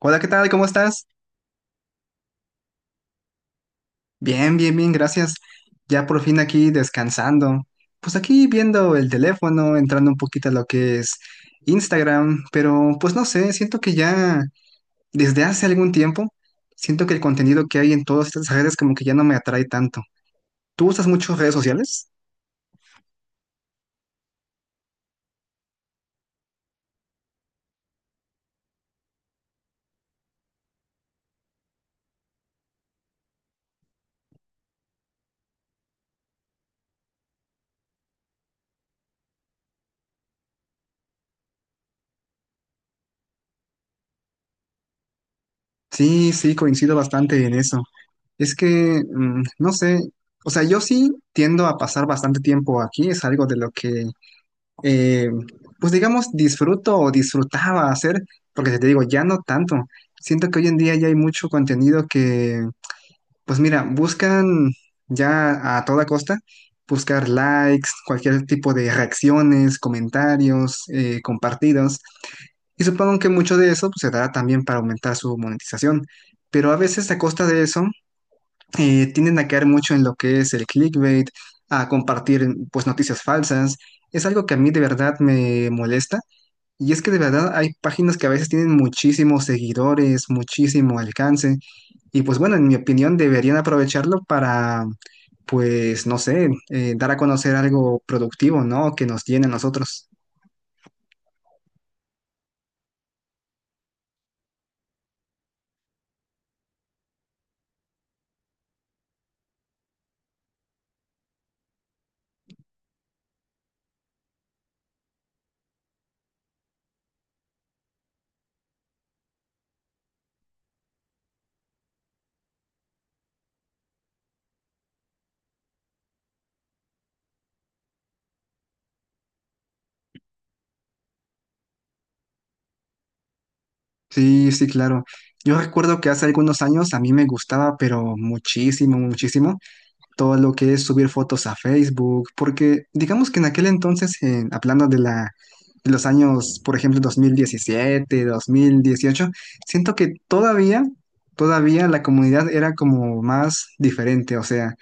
Hola, ¿qué tal? ¿Cómo estás? Bien, bien, bien, gracias. Ya por fin aquí descansando. Pues aquí viendo el teléfono, entrando un poquito a lo que es Instagram, pero pues no sé, siento que ya desde hace algún tiempo, siento que el contenido que hay en todas estas redes como que ya no me atrae tanto. ¿Tú usas mucho redes sociales? Sí, sí, coincido bastante en eso. Es que, no sé, o sea, yo sí tiendo a pasar bastante tiempo aquí, es algo de lo que eh, pues digamos, disfruto o disfrutaba hacer, porque te digo, ya no tanto. Siento que hoy en día ya hay mucho contenido que, pues mira, buscan ya a toda costa buscar likes, cualquier tipo de reacciones, comentarios, compartidos. Y supongo que mucho de eso pues, se dará también para aumentar su monetización. Pero a veces a costa de eso, tienden a caer mucho en lo que es el clickbait, a compartir pues noticias falsas. Es algo que a mí de verdad me molesta y es que de verdad hay páginas que a veces tienen muchísimos seguidores, muchísimo alcance. Y pues bueno, en mi opinión deberían aprovecharlo para, pues no sé, dar a conocer algo productivo, ¿no? Que nos llene a nosotros. Sí, sí, claro. Yo recuerdo que hace algunos años a mí me gustaba, pero muchísimo, muchísimo, todo lo que es subir fotos a Facebook, porque digamos que en aquel entonces, hablando de de los años, por ejemplo, dos mil diecisiete, 2018, siento que todavía, todavía la comunidad era como más diferente, o sea,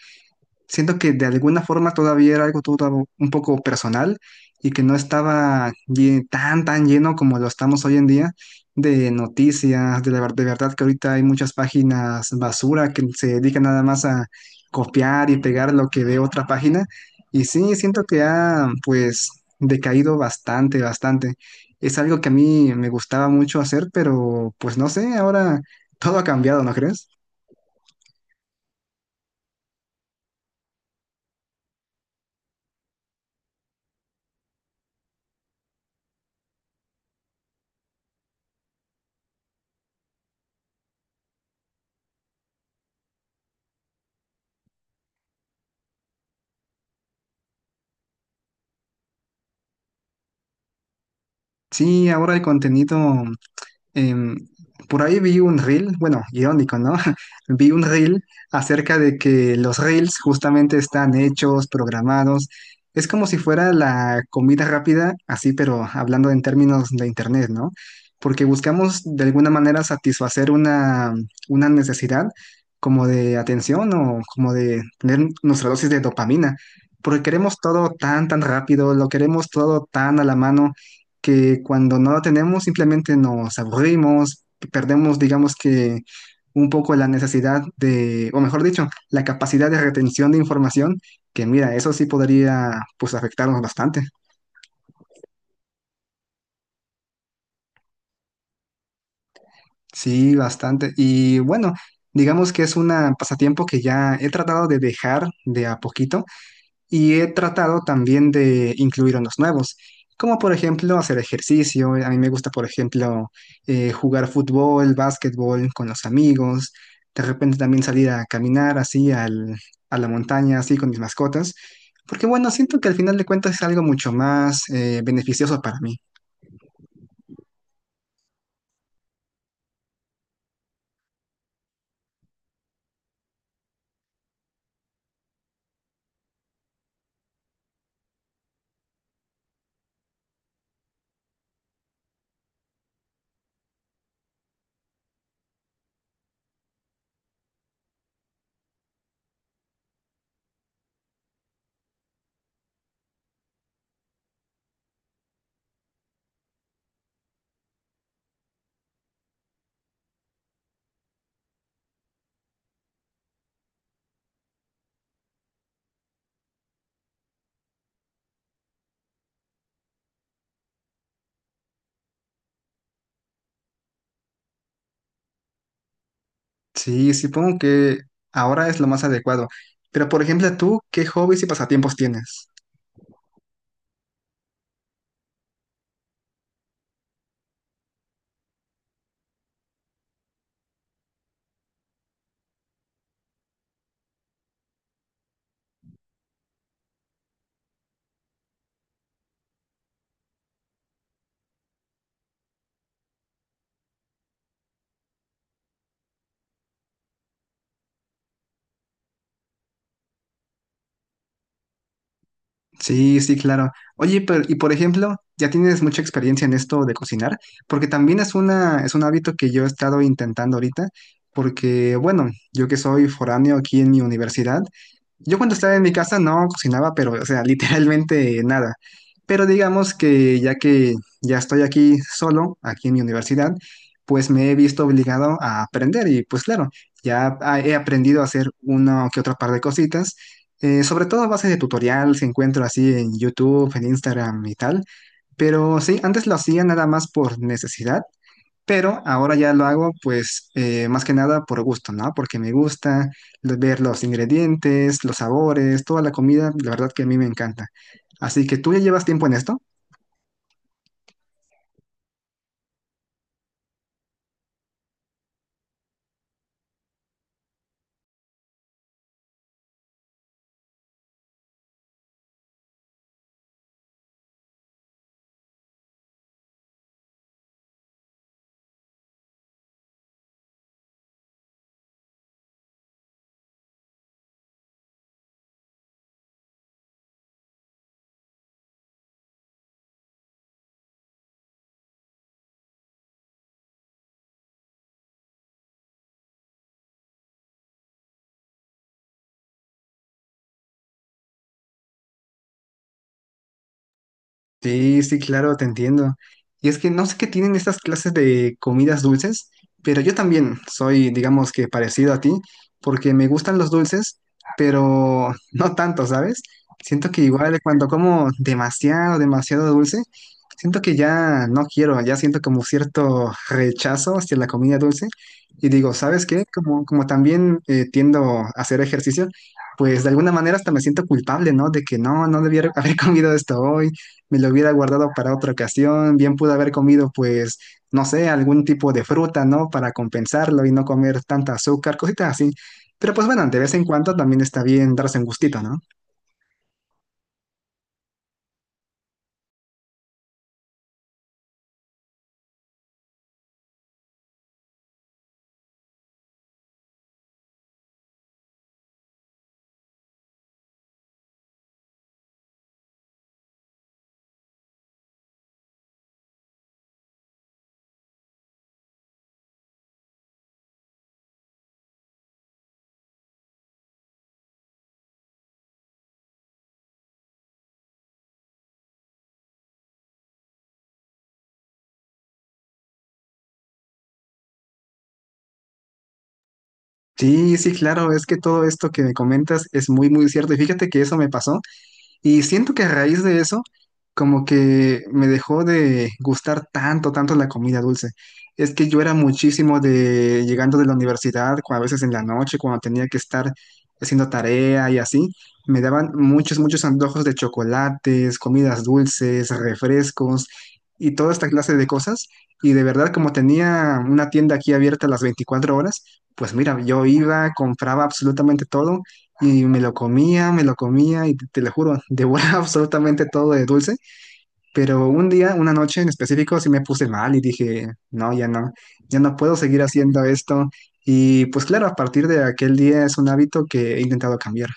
siento que de alguna forma todavía era algo todo un poco personal y que no estaba tan, tan lleno como lo estamos hoy en día de noticias, de verdad que ahorita hay muchas páginas basura que se dedican nada más a copiar y pegar lo que ve otra página. Y sí, siento que ha pues decaído bastante, bastante. Es algo que a mí me gustaba mucho hacer, pero pues no sé, ahora todo ha cambiado, ¿no crees? Sí, ahora el contenido em, por ahí vi un reel, bueno, irónico, ¿no? Vi un reel acerca de que los reels justamente están hechos, programados. Es como si fuera la comida rápida, así, pero hablando en términos de internet, ¿no? Porque buscamos de alguna manera satisfacer una necesidad como de atención o como de tener nuestra dosis de dopamina. Porque queremos todo tan, tan rápido, lo queremos todo tan a la mano que cuando no lo tenemos simplemente nos aburrimos, perdemos, digamos que un poco la necesidad de, o mejor dicho, la capacidad de retención de información, que mira, eso sí podría pues afectarnos bastante. Sí, bastante. Y bueno, digamos que es un pasatiempo que ya he tratado de dejar de a poquito y he tratado también de incluir unos nuevos, como por ejemplo hacer ejercicio. A mí me gusta, por ejemplo, jugar fútbol, básquetbol con los amigos. De repente también salir a caminar así a la montaña, así con mis mascotas. Porque bueno, siento que al final de cuentas es algo mucho más beneficioso para mí. Sí, supongo que ahora es lo más adecuado. Pero por ejemplo, tú, ¿qué hobbies y pasatiempos tienes? Sí, sí, claro. Oye, pero, y por ejemplo, ya tienes mucha experiencia en esto de cocinar, porque también es un hábito que yo he estado intentando ahorita, porque, bueno, yo que soy foráneo aquí en mi universidad, yo cuando estaba en mi casa no cocinaba, pero, o sea, literalmente nada. Pero digamos que ya estoy aquí solo, aquí en mi universidad, pues me he visto obligado a aprender y pues claro, ya he aprendido a hacer una que otra par de cositas, sobre todo a base de tutorial, se encuentro así en YouTube, en Instagram y tal. Pero sí, antes lo hacía nada más por necesidad pero ahora ya lo hago pues más que nada por gusto, ¿no? Porque me gusta ver los ingredientes, los sabores, toda la comida, la verdad que a mí me encanta. Así que tú ya llevas tiempo en esto. Sí, sí, claro, te entiendo. Y es que no sé qué tienen estas clases de comidas dulces, pero yo también soy, digamos que parecido a ti, porque me gustan los dulces, pero no tanto, ¿sabes? Siento que igual cuando como demasiado, demasiado dulce, siento que ya no quiero, ya siento como cierto rechazo hacia la comida dulce. Y digo, ¿sabes qué? Como, como también tiendo a hacer ejercicio, pues de alguna manera hasta me siento culpable, ¿no? De que no, no debía haber comido esto hoy me lo hubiera guardado para otra ocasión, bien pude haber comido pues, no sé, algún tipo de fruta, ¿no? Para compensarlo y no comer tanta azúcar, cositas así. Pero pues bueno, de vez en cuando también está bien darse un gustito, ¿no? Sí, sí, claro, es que todo esto que me comentas es muy, muy cierto. Y fíjate que eso me pasó. Y siento que a raíz de eso, como que me dejó de gustar tanto, tanto la comida dulce. Es que yo era muchísimo de llegando de la universidad, a veces en la noche, cuando tenía que estar haciendo tarea y así, me daban muchos, muchos antojos de chocolates, comidas dulces, refrescos y toda esta clase de cosas. Y de verdad, como tenía una tienda aquí abierta las 24 horas, pues mira, yo iba, compraba absolutamente todo y me lo comía y te lo juro, devoraba absolutamente todo de dulce. Pero un día, una noche en específico, sí me puse mal y dije, no, ya no, ya no puedo seguir haciendo esto. Y pues claro, a partir de aquel día es un hábito que he intentado cambiar.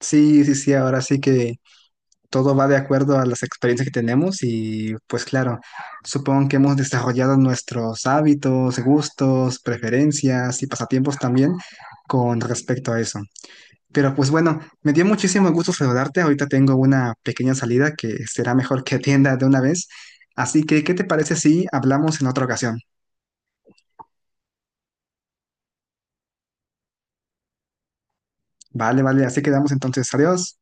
Sí, sí, sí, ahora sí que todo va de acuerdo a las experiencias que tenemos y pues claro, supongo que hemos desarrollado nuestros hábitos, gustos, preferencias y pasatiempos también con respecto a eso. Pero pues bueno, me dio muchísimo gusto saludarte. Ahorita tengo una pequeña salida que será mejor que atienda de una vez. Así que, ¿qué te parece si hablamos en otra ocasión? Vale, vale, así quedamos entonces. Adiós.